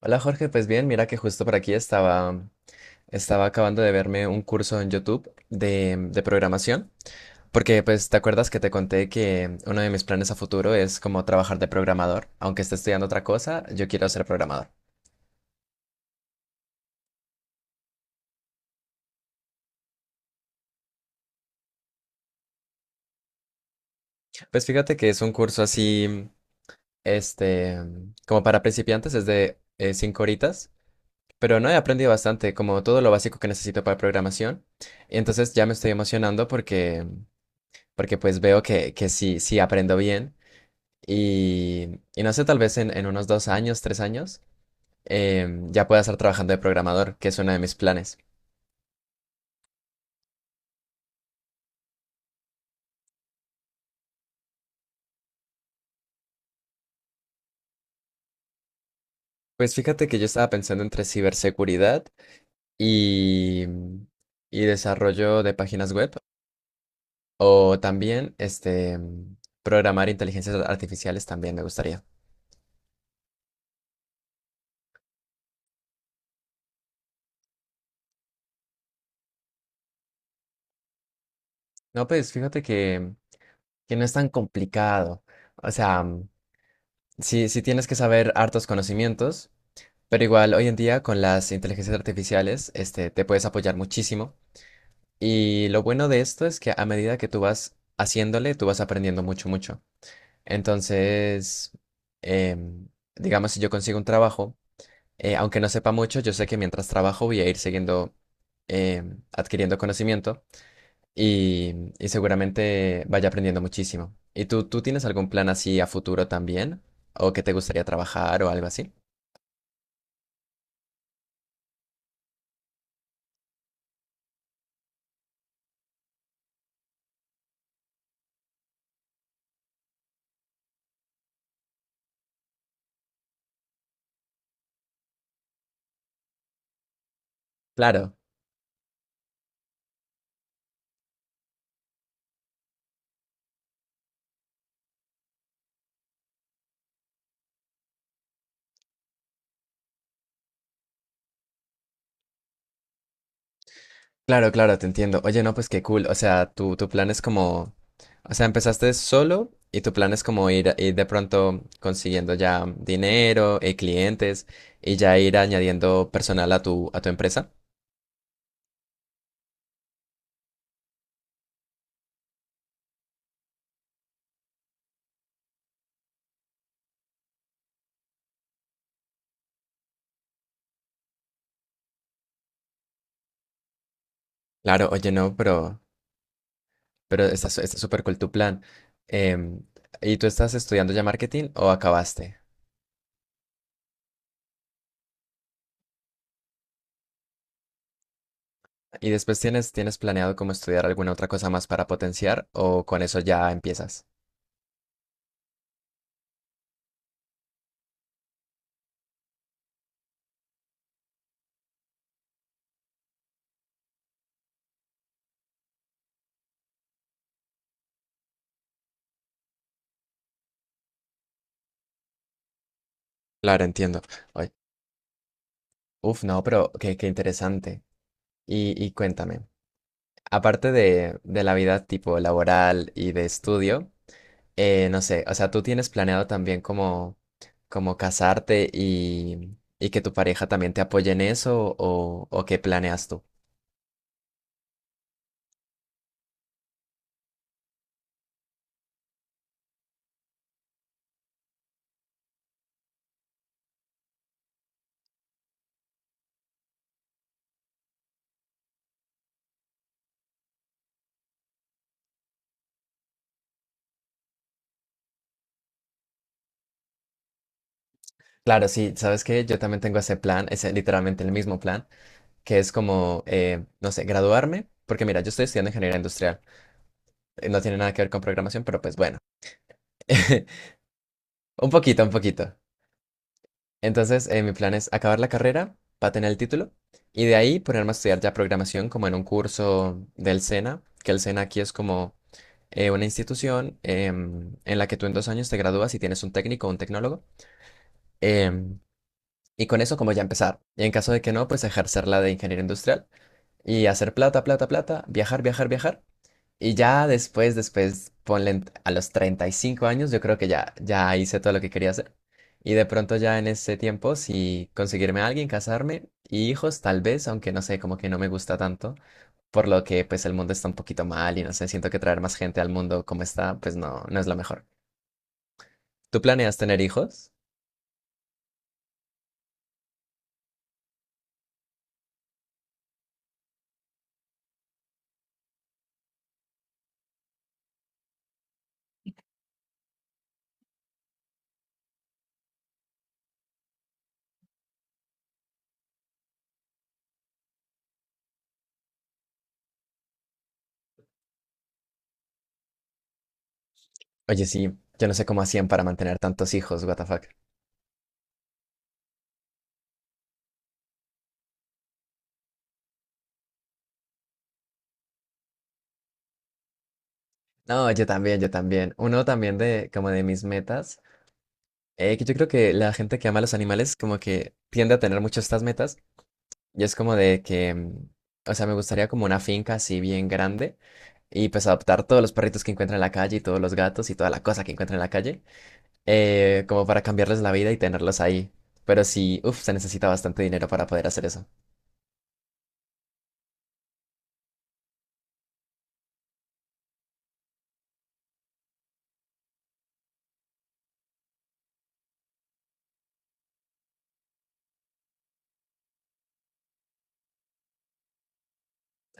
Hola Jorge, pues bien, mira que justo por aquí estaba, estaba acabando de verme un curso en YouTube de programación, porque pues te acuerdas que te conté que uno de mis planes a futuro es como trabajar de programador, aunque esté estudiando otra cosa, yo quiero ser programador. Pues fíjate que es un curso así, este, como para principiantes, es de 5 horitas, pero no he aprendido bastante, como todo lo básico que necesito para programación, y entonces ya me estoy emocionando porque pues veo que sí, sí aprendo bien. Y no sé, tal vez en unos 2 años, 3 años, ya pueda estar trabajando de programador, que es uno de mis planes. Pues fíjate que yo estaba pensando entre ciberseguridad y, y desarrollo de páginas web, o también programar inteligencias artificiales también me gustaría. No, pues fíjate que no es tan complicado. O sea, mm, sí, sí tienes que saber hartos conocimientos, pero igual hoy en día con las inteligencias artificiales, este, te puedes apoyar muchísimo. Y lo bueno de esto es que a medida que tú vas haciéndole, tú vas aprendiendo mucho, mucho. Entonces, em, digamos, si yo consigo un trabajo, aunque no sepa mucho, yo sé que mientras trabajo voy a ir siguiendo adquiriendo conocimiento y seguramente vaya aprendiendo muchísimo. ¿Y tú tienes algún plan así a futuro también? ¿O que te gustaría trabajar o algo así? Claro. Claro, claro, te entiendo. Oye, no, pues qué cool. O sea, tu plan es o sea, empezaste solo y tu plan es como ir, ir de pronto consiguiendo ya dinero, clientes y ya ir añadiendo personal a a tu empresa. Claro, oye, no, pero está, está súper cool tu plan. Em, ¿y tú estás estudiando ya marketing o acabaste? ¿Y después tienes planeado como estudiar alguna otra cosa más para potenciar o con eso ya empiezas? Claro, entiendo. Oye, uf, no, pero qué interesante. Y cuéntame, aparte de la vida tipo laboral y de estudio, no sé, o sea, ¿tú tienes planeado también como, como casarte y que tu pareja también te apoye en eso o qué planeas tú? Claro, sí, sabes que yo también tengo ese plan, es literalmente el mismo plan, que es como, no sé, graduarme, porque mira, yo estoy estudiando ingeniería industrial, no tiene nada que ver con programación, pero pues bueno, un poquito, un poquito. Entonces, mi plan es acabar la carrera para tener el título y de ahí ponerme a estudiar ya programación como en un curso del SENA, que el SENA aquí es como una institución em, en la que tú en 2 años te gradúas y tienes un técnico o un tecnólogo. Em, y con eso como ya empezar. Y en caso de que no, pues ejercer la de ingeniero industrial y hacer plata, plata, plata, viajar, viajar, viajar. Y ya después, después, ponle a los 35 años, yo creo que ya, ya hice todo lo que quería hacer. Y de pronto ya en ese tiempo, si conseguirme a alguien, casarme y hijos, tal vez, aunque no sé, como que no me gusta tanto, por lo que pues el mundo está un poquito mal y no sé, siento que traer más gente al mundo como está, pues no, no es lo mejor. ¿Tú planeas tener hijos? Oye, sí, yo no sé cómo hacían para mantener tantos hijos, what the fuck. No, yo también, yo también. Uno también de como de mis metas. Que yo creo que la gente que ama a los animales como que tiende a tener mucho estas metas y es como de que, mm, o sea, me gustaría como una finca así bien grande y pues adoptar todos los perritos que encuentre en la calle y todos los gatos y toda la cosa que encuentre en la calle, como para cambiarles la vida y tenerlos ahí. Pero sí, uff, se necesita bastante dinero para poder hacer eso.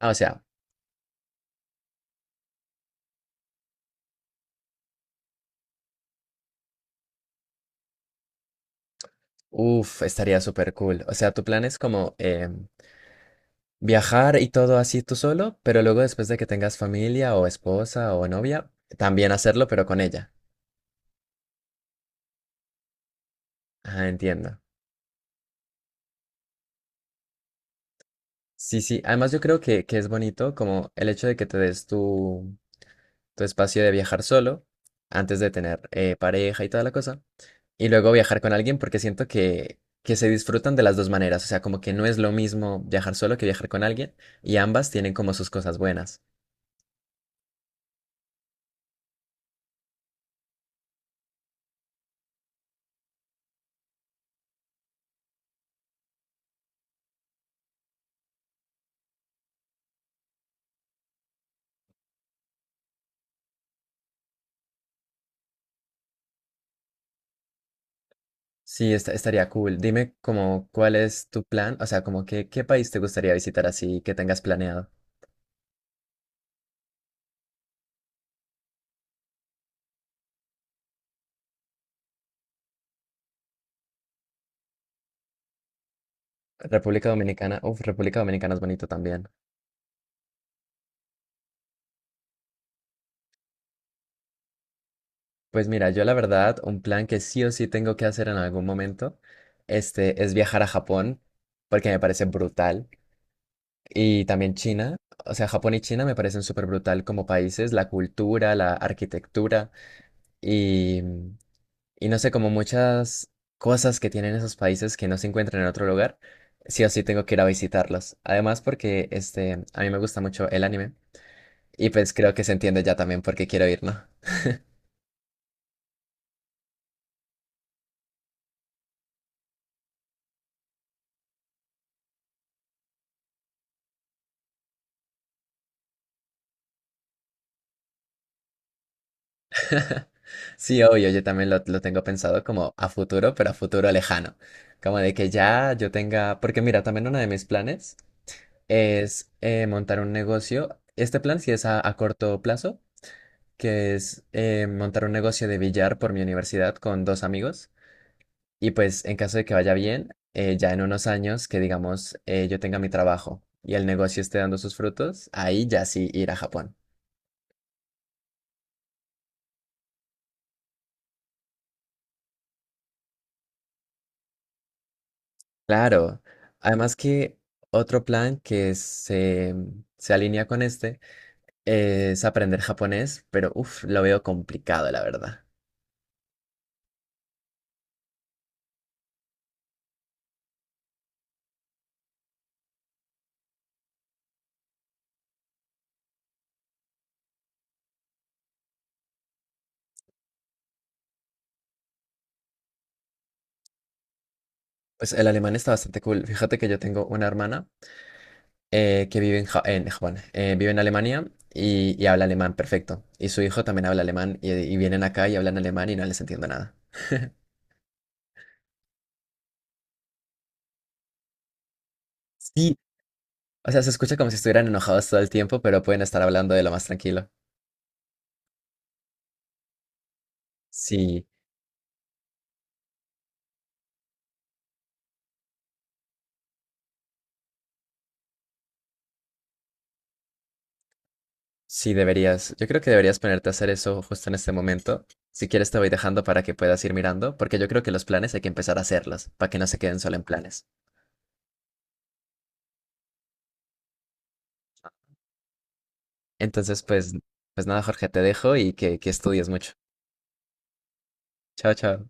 Ah, o sea, uff, estaría súper cool. O sea, tu plan es como viajar y todo así tú solo, pero luego después de que tengas familia o esposa o novia, también hacerlo, pero con ella. Ah, entiendo. Sí, sí. Además, yo creo que es bonito como el hecho de que te des tu espacio de viajar solo antes de tener pareja y toda la cosa. Y luego viajar con alguien porque siento que se disfrutan de las dos maneras. O sea, como que no es lo mismo viajar solo que viajar con alguien. Y ambas tienen como sus cosas buenas. Sí, estaría cool. Dime como cuál es tu plan. O sea, como que qué país te gustaría visitar así que tengas planeado. República Dominicana. Uf, República Dominicana es bonito también. Pues mira, yo la verdad, un plan que sí o sí tengo que hacer en algún momento, este, es viajar a Japón, porque me parece brutal, y también China, o sea, Japón y China me parecen súper brutal como países, la cultura, la arquitectura, y, y no sé, como muchas cosas que tienen esos países que no se encuentran en otro lugar, sí o sí tengo que ir a visitarlos. Además, porque, este, a mí me gusta mucho el anime, y pues creo que se entiende ya también por qué quiero ir, ¿no? Sí, obvio, yo también lo tengo pensado como a futuro, pero a futuro lejano. Como de que ya yo tenga, porque mira, también uno de mis planes es montar un negocio. Este plan sí es a corto plazo, que es montar un negocio de billar por mi universidad con dos amigos. Y pues en caso de que vaya bien, ya en unos años que digamos yo tenga mi trabajo y el negocio esté dando sus frutos, ahí ya sí ir a Japón. Claro, además que otro plan que se, mm, se alinea con este es aprender japonés, pero uff, lo veo complicado, la verdad. Pues el alemán está bastante cool. Fíjate que yo tengo una hermana que vive en, en Japón, vive en Alemania y habla alemán perfecto. Y su hijo también habla alemán y vienen acá y hablan alemán y no les entiendo nada. Sí, o sea, se escucha como si estuvieran enojados todo el tiempo, pero pueden estar hablando de lo más tranquilo. Sí. Sí, deberías. Yo creo que deberías ponerte a hacer eso justo en este momento. Si quieres, te voy dejando para que puedas ir mirando, porque yo creo que los planes hay que empezar a hacerlos, para que no se queden solo en planes. Entonces, pues, pues nada, Jorge, te dejo y que estudies mucho. Chao, chao.